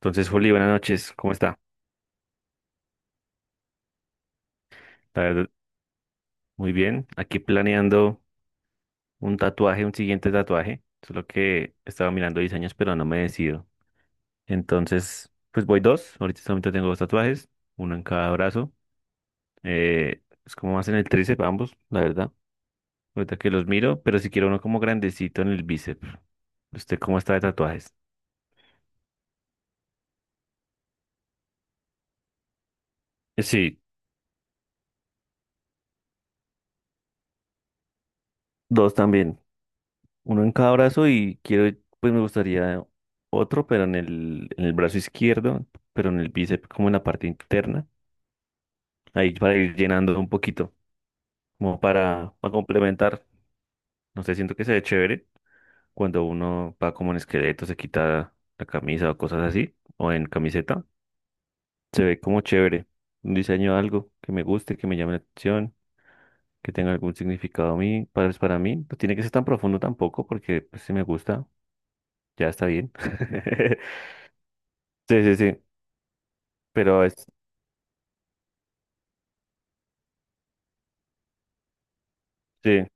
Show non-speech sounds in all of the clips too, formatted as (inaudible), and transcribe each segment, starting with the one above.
Entonces, Juli, buenas noches. ¿Cómo está? La verdad, muy bien. Aquí planeando un tatuaje, un siguiente tatuaje. Solo que estaba mirando diseños, pero no me decido. Entonces, pues voy dos. Ahorita solamente tengo dos tatuajes, uno en cada brazo. Es como más en el tríceps, ambos, la verdad. Ahorita que los miro, pero si quiero uno como grandecito en el bíceps. ¿Usted cómo está de tatuajes? Sí, dos también. Uno en cada brazo y quiero, pues me gustaría otro, pero en el brazo izquierdo, pero en el bíceps, como en la parte interna, ahí para ir llenando un poquito, como para complementar. No sé, siento que se ve chévere cuando uno va como en esqueleto, se quita la camisa o cosas así, o en camiseta, se ve como chévere. Un diseño, algo que me guste, que me llame la atención, que tenga algún significado a mí, para, pues, para mí. No tiene que ser tan profundo tampoco, porque pues, si me gusta, ya está bien. (laughs) Sí, sí, sí. Pero es, sí,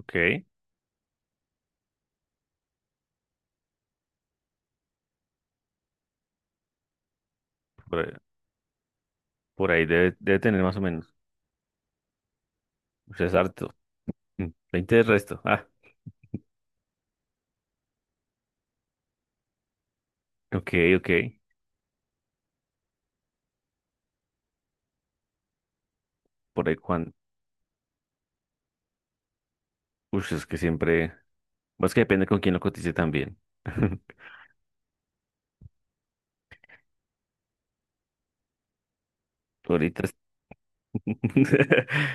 ok. Por, por ahí debe, debe tener más o menos. Ush, es harto. Mm, 20 de resto. Ah, ok, ok. Por ahí cuando. Uy, es que siempre. Pues que depende con quién lo cotice también. (laughs) Ahorita. Es- (laughs)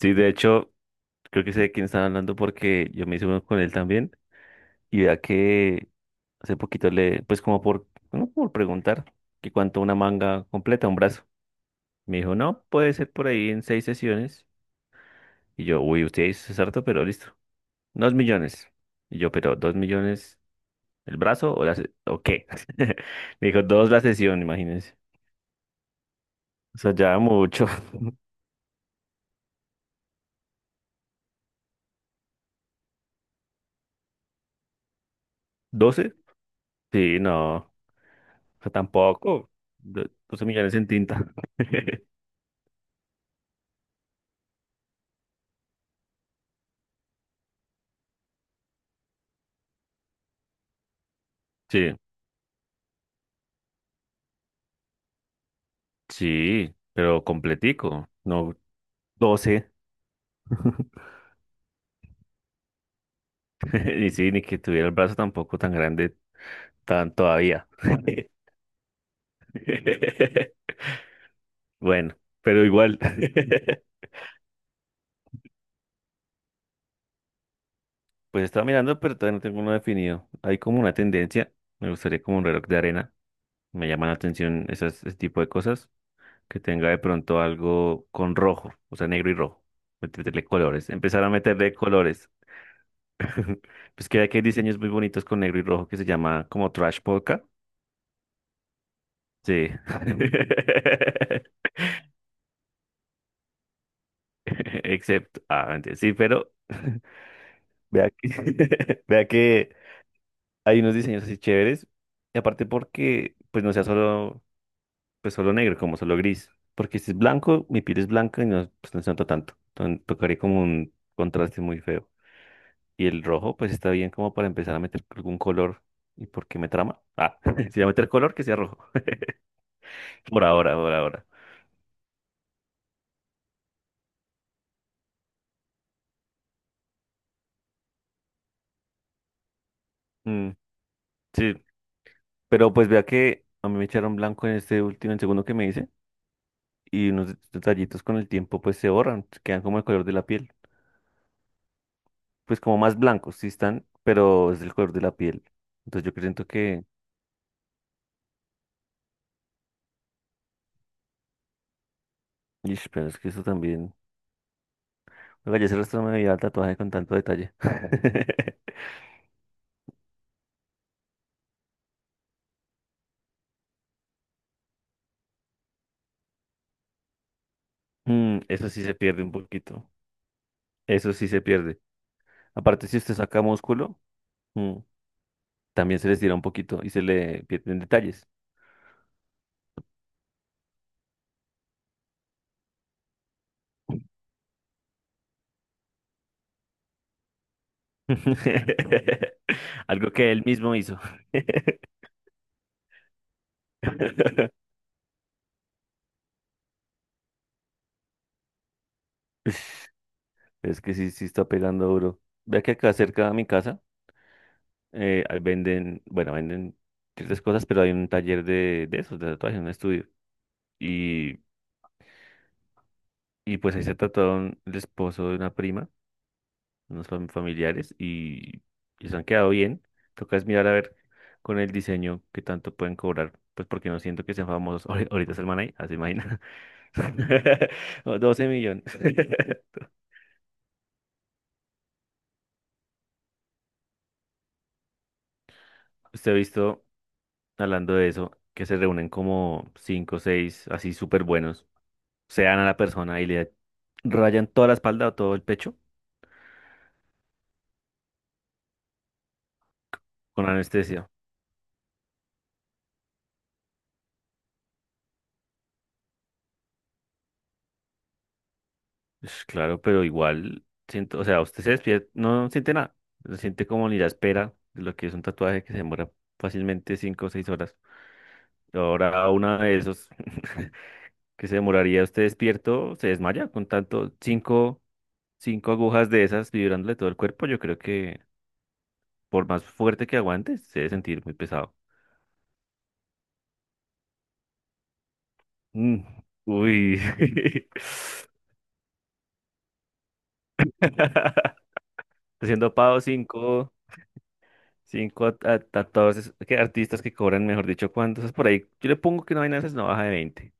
Sí, de hecho, creo que sé de quién están hablando porque yo me hice uno con él también. Y vea que hace poquito le, pues como por, no por preguntar que cuánto una manga completa, un brazo. Me dijo, no, puede ser por ahí en seis sesiones. Y yo, uy, usted es harto, pero listo. Dos millones. Y yo, pero ¿dos millones el brazo o la se- o qué? (laughs) Me dijo, dos la sesión, imagínense. O sea, ya mucho. (laughs) ¿Doce? Sí, no. O sea, tampoco. Do- Doce millones en tinta. (laughs) Sí, sí, pero completico. No, doce. (laughs) Y sí, ni que tuviera el brazo tampoco tan grande tan todavía. (laughs) Bueno, pero igual. (laughs) Pues estaba mirando, pero todavía no tengo uno definido. Hay como una tendencia, me gustaría como un reloj de arena. Me llama la atención esas, ese tipo de cosas. Que tenga de pronto algo con rojo, o sea, negro y rojo. Meterle colores, empezar a meterle colores. (laughs) Pues que hay diseños muy bonitos con negro y rojo que se llama como trash polka. Sí. (laughs) Excepto, ah, mentira, sí, pero (laughs) vea que, (laughs) vea que hay unos diseños así chéveres. Y aparte porque, pues no sea solo. Pues solo negro, como solo gris. Porque si es blanco, mi piel es blanca y no, pues no se nota tanto. Entonces tocaría como un contraste muy feo. Y el rojo, pues está bien como para empezar a meter algún color. ¿Y por qué me trama? Ah, (laughs) si voy a meter color, que sea rojo. (laughs) Por ahora, por ahora. Mm, sí, pero pues vea que a mí me echaron blanco en este último, en el segundo que me hice. Y unos detallitos con el tiempo, pues se borran, quedan como el color de la piel. Pues como más blancos, sí están, pero es el color de la piel. Entonces yo siento que... Ish, pero es que eso también. Oiga, yo se resto me veía el tatuaje con tanto detalle. (laughs) Mm, eso sí se pierde un poquito. Eso sí se pierde. Aparte, si usted saca músculo, mm, también se le estira un poquito y se le pierden detalles. (laughs) Algo que él mismo hizo. (laughs) Es que sí, sí está pegando duro. Vea que acá cerca de mi casa ahí venden, bueno, venden ciertas cosas, pero hay un taller de esos, de tatuajes, un estudio. Y, y pues ahí se tatuaron el esposo de una prima. Unos fam- familiares y se han quedado bien. Toca es mirar a ver con el diseño qué tanto pueden cobrar, pues porque no siento que sean famosos. (laughs) Ahori- Ahorita es el man ahí, así imagina. (laughs) O 12 millones. (laughs) Usted ha visto, hablando de eso, que se reúnen como 5 o 6 así súper buenos, se dan a la persona y le rayan toda la espalda o todo el pecho con anestesia. Pues claro, pero igual siento, o sea, usted se despierta, no siente nada, se siente como ni la espera de lo que es un tatuaje que se demora fácilmente cinco o seis horas. Ahora una de esos (laughs) que se demoraría usted despierto, se desmaya con tanto cinco, cinco agujas de esas vibrándole todo el cuerpo, yo creo que por más fuerte que aguante, se debe sentir muy pesado. Mm. Uy. (laughs) Haciendo pavo 5. Cinco a que artistas que cobran, mejor dicho, ¿cuántos? Por ahí, yo le pongo que no hay de no baja de 20.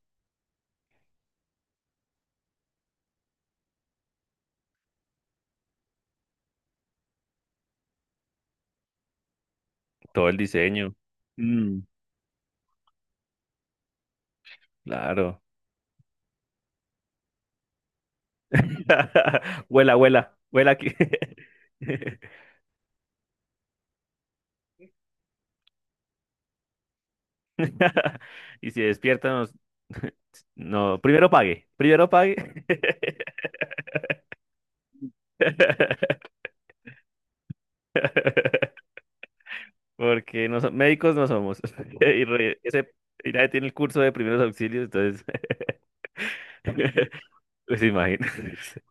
Todo el diseño. Mm, claro. (laughs) Huela, huela, huela aquí. (laughs) (laughs) Y si despierta, nos... (laughs) No, primero pague, primero pague. (laughs) Porque no so- médicos no somos. (laughs) Y, re- ese, y nadie tiene el curso de primeros auxilios, entonces, (laughs) pues imagínense.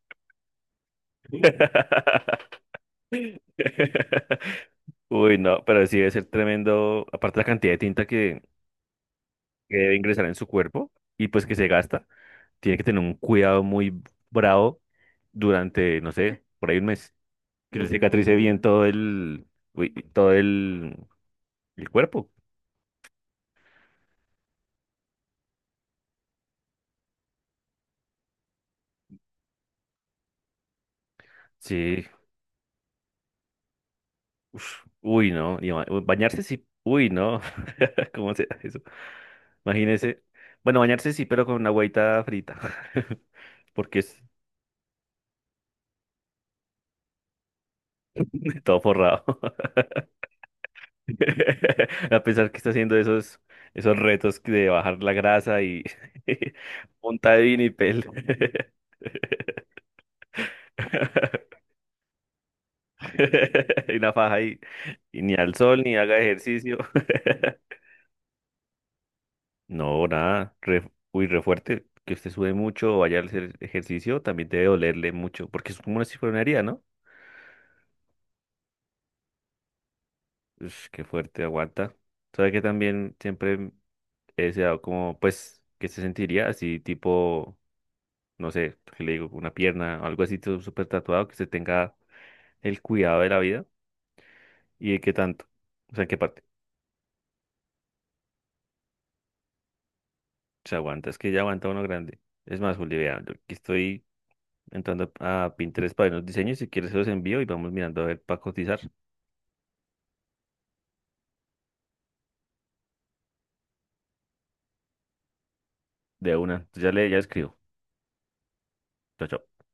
(laughs) (laughs) Uy, no, pero sí debe ser tremendo, aparte la cantidad de tinta que debe ingresar en su cuerpo y pues que se gasta, tiene que tener un cuidado muy bravo durante, no sé, por ahí 1 mes, que le cicatrice bien todo uy, todo el cuerpo. Sí, uf, uy, no, y ba- bañarse sí, uy, no, (laughs) ¿cómo se hace eso? Imagínese, bueno, bañarse sí, pero con una agüita frita, (laughs) porque es todo forrado. (laughs) A pesar que está haciendo esos retos de bajar la grasa y (laughs) punta de vinipel (laughs) y una faja ahí. Y ni al sol ni haga ejercicio. (laughs) No, nada. Re, uy, re fuerte. Que usted sube mucho o vaya a hacer ejercicio, también debe dolerle mucho. Porque es como una si fuera una herida, ¿no? Ush, qué fuerte, aguanta. Sabe que también siempre he deseado como, pues, que se sentiría así tipo. No sé, ¿qué le digo, una pierna, algo así todo súper tatuado, que se tenga el cuidado de la vida y de qué tanto, o sea, en qué parte se aguanta, es que ya aguanta uno grande. Es más, Juli, vea, yo aquí estoy entrando a Pinterest para ver unos diseños, si quieres se los envío y vamos mirando a ver para cotizar de una. Entonces ya le, ya escribo. Chao, chao.